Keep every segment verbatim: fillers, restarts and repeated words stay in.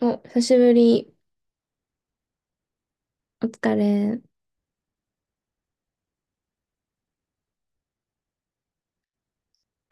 お、久しぶり。お疲れ。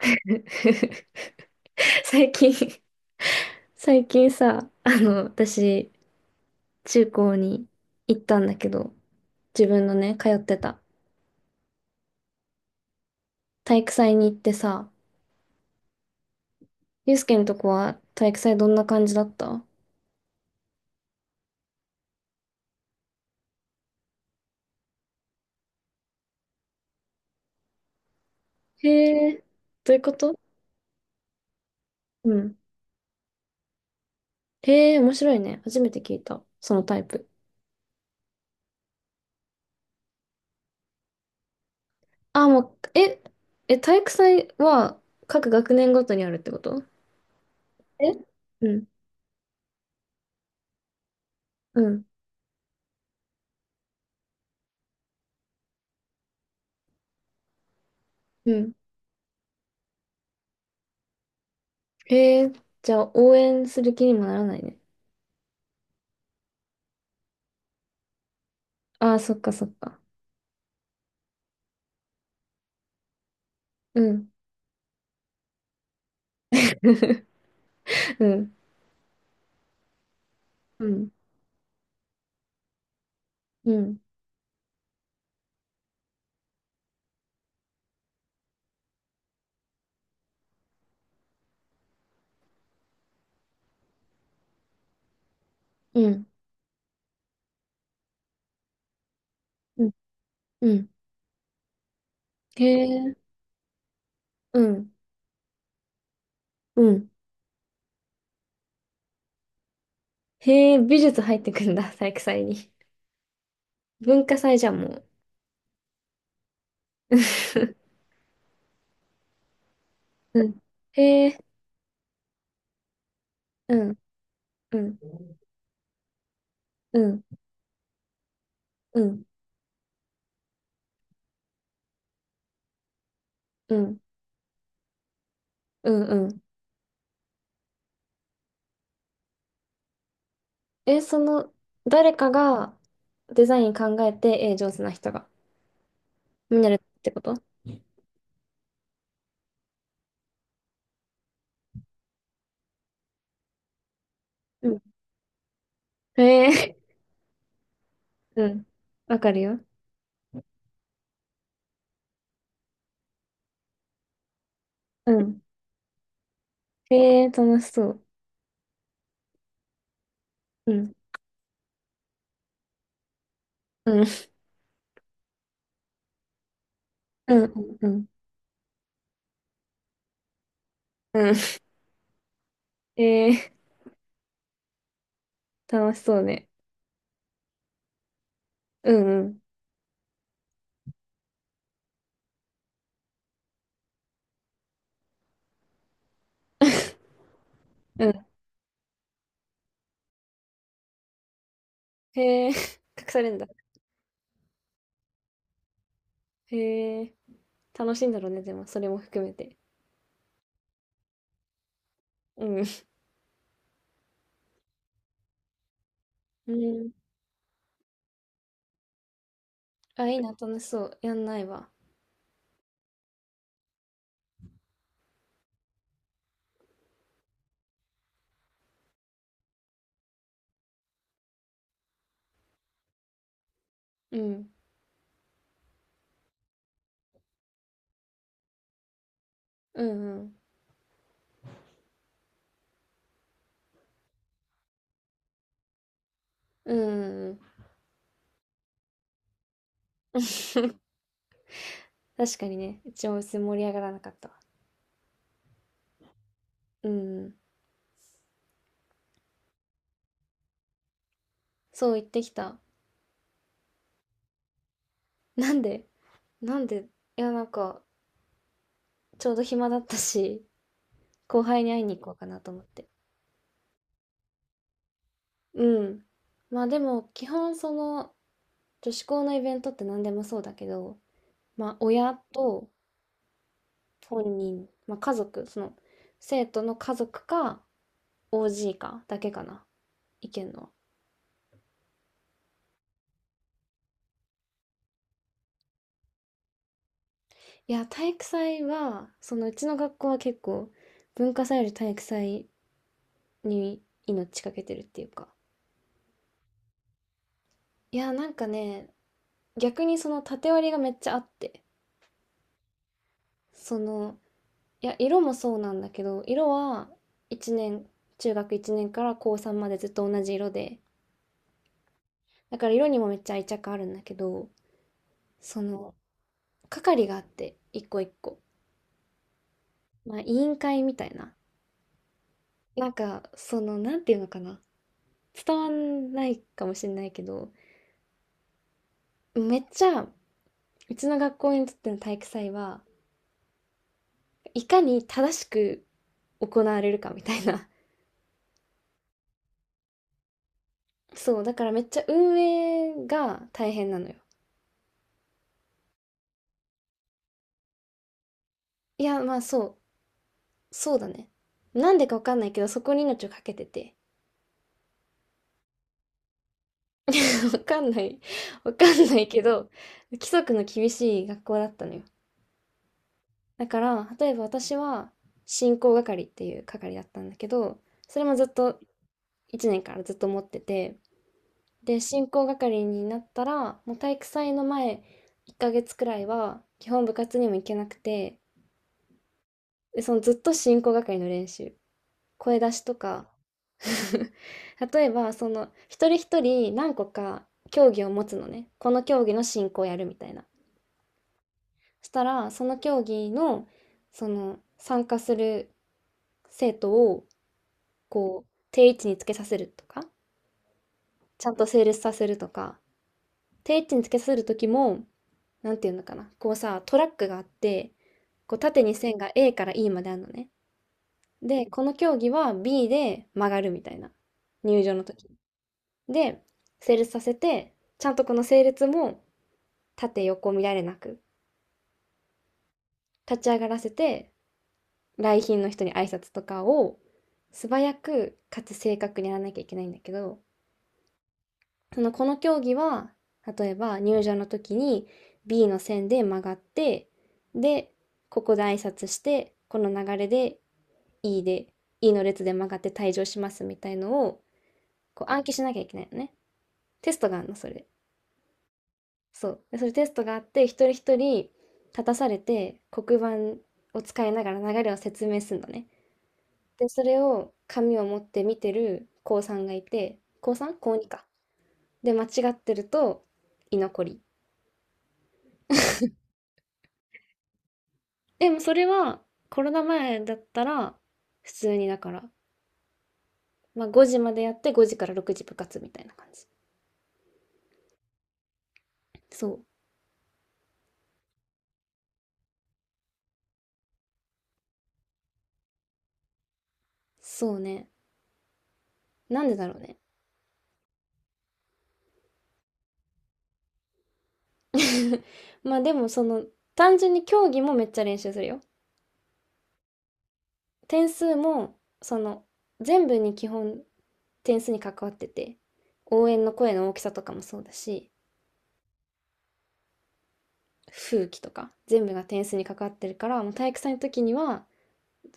最近、最近さ、あの、私、中高に行ったんだけど、自分のね、通ってた体育祭に行ってさ、ゆうすけのとこは体育祭どんな感じだった？へえ、どういうこと？うん。へえ、面白いね。初めて聞いた。そのタイプ。あ、もう、え、え、体育祭は各学年ごとにあるってこと？え、うん、うん、うん、えー、じゃあ応援する気にもならないね。ああ、そっかそっか。うん。うん。うん。うん。うん。うん。うん、へえ。うん。うん。へえ、美術入ってくんだ、体育祭に。文化祭じゃん、もう。うん。へえ。うん。うん。うん。うん。うん。うん。うん、え、その、誰かがデザイン考えて、えー、上手な人が、になるってこと？うん。へえ。うん。わかるよ。うん、ええー、楽しそう。うん。うん。うん。うん。うん。ええー、楽しそうね。うんうん。うん。へえ、隠されるんだ。へえ、楽しいんだろうね、でも、それも含めて。うん。うん。あ、いいな、楽しそう。やんないわ。うん。うんうん。うんうんうん。 確かにね、一応別に盛り上がらなかったわ。うん。そう言ってきた。なんで？なんで？いや、なんか、ちょうど暇だったし、後輩に会いに行こうかなと思って。うん。まあでも基本その女子校のイベントって何でもそうだけど、まあ親と本人、まあ家族、その生徒の家族か オージー かだけかな、意見のは。いや、体育祭は、そのうちの学校は結構文化祭より体育祭に命かけてるっていうか。いや、なんかね、逆にその縦割りがめっちゃあって、その、いや、色もそうなんだけど、色はいちねん、中学いちねんから高さんまでずっと同じ色で、だから色にもめっちゃ愛着あるんだけど、その、係があって、一個一個。まあ、委員会みたいな。なんか、その、なんていうのかな。伝わんないかもしれないけど、めっちゃ、うちの学校にとっての体育祭は、いかに正しく行われるかみたいな。そう、だからめっちゃ運営が大変なのよ。いや、まあそう、そうだね。なんでかわかんないけど、そこに命をかけてて。わかんない。わかんないけど、規則の厳しい学校だったのよ。だから、例えば私は、進行係っていう係だったんだけど、それもずっといちねんからずっと持ってて、で、進行係になったら、もう体育祭の前いっかげつくらいは、基本部活にも行けなくて、で、そのずっと進行係の練習。声出しとか。 例えばその一人一人何個か競技を持つのね。この競技の進行をやるみたいな。そしたらその競技の、その参加する生徒をこう定位置につけさせるとか、ちゃんと整列させるとか、定位置につけさせる時も、なんていうのかな、こうさ、トラックがあって、こう縦に線が A から E まであるのね。でこの競技は B で曲がるみたいな、入場の時。で、整列させて、ちゃんとこの整列も縦横見られなく、立ち上がらせて、来賓の人に挨拶とかを素早くかつ正確にやらなきゃいけないんだけど、そのこの競技は、例えば入場の時に B の線で曲がって、で、ここで挨拶して、この流れで E で、E の列で曲がって退場しますみたいのを、こう暗記しなきゃいけないのね。テストがあるの、それ。そう。で、それテストがあって、一人一人立たされて、黒板を使いながら流れを説明するのね。で、それを紙を持って見てる高さんがいて、高 さん？ 高にか。で、間違ってると居残り。でもそれはコロナ前だったら、普通にだから、まあごじまでやってごじからろくじ部活みたいな感じ。そう。そうね。なんでだろうね。まあでもその、単純に競技もめっちゃ練習するよ。点数も、その、全部に基本点数に関わってて、応援の声の大きさとかもそうだし、風紀とか、全部が点数に関わってるから、もう体育祭の時には、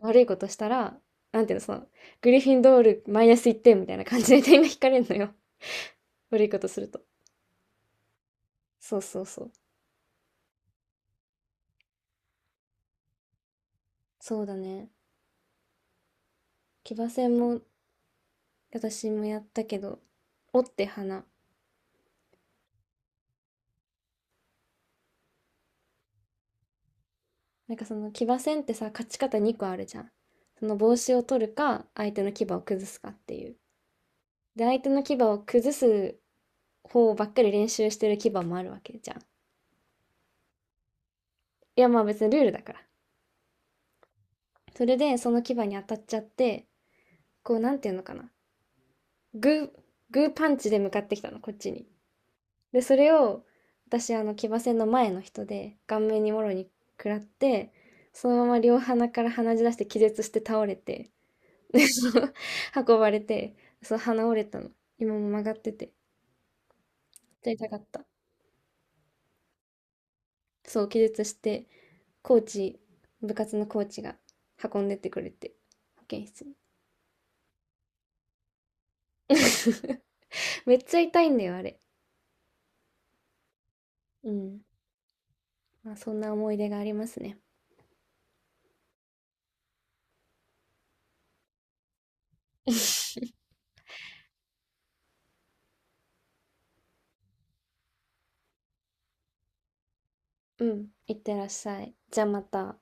悪いことしたら、なんていうの、その、グリフィンドールマイナスいってんみたいな感じで点が引かれるのよ。 悪いことすると。そうそうそう。そうだね。騎馬戦も、私もやったけど、折って花。なんかその騎馬戦ってさ、勝ち方にこあるじゃん。その帽子を取るか、相手の牙を崩すかっていう。で、相手の牙を崩す方ばっかり練習してる牙もあるわけじゃん。いや、まあ別にルールだから。それで、その牙に当たっちゃって、こう、なんていうのかな。グー、グーパンチで向かってきたの、こっちに。で、それを、私、あの、騎馬戦の前の人で、顔面にもろに食らって、そのまま両鼻から鼻血出して気絶して倒れて、で、その、運ばれて、そう、鼻折れたの。今も曲がってて。痛かった。そう、気絶して、コーチ、部活のコーチが運んでってくれて、保健室に。 めっちゃ痛いんだよ、あれ。うん。まあ、そんな思い出がありますね。 うん。いってらっしゃい。じゃあまた。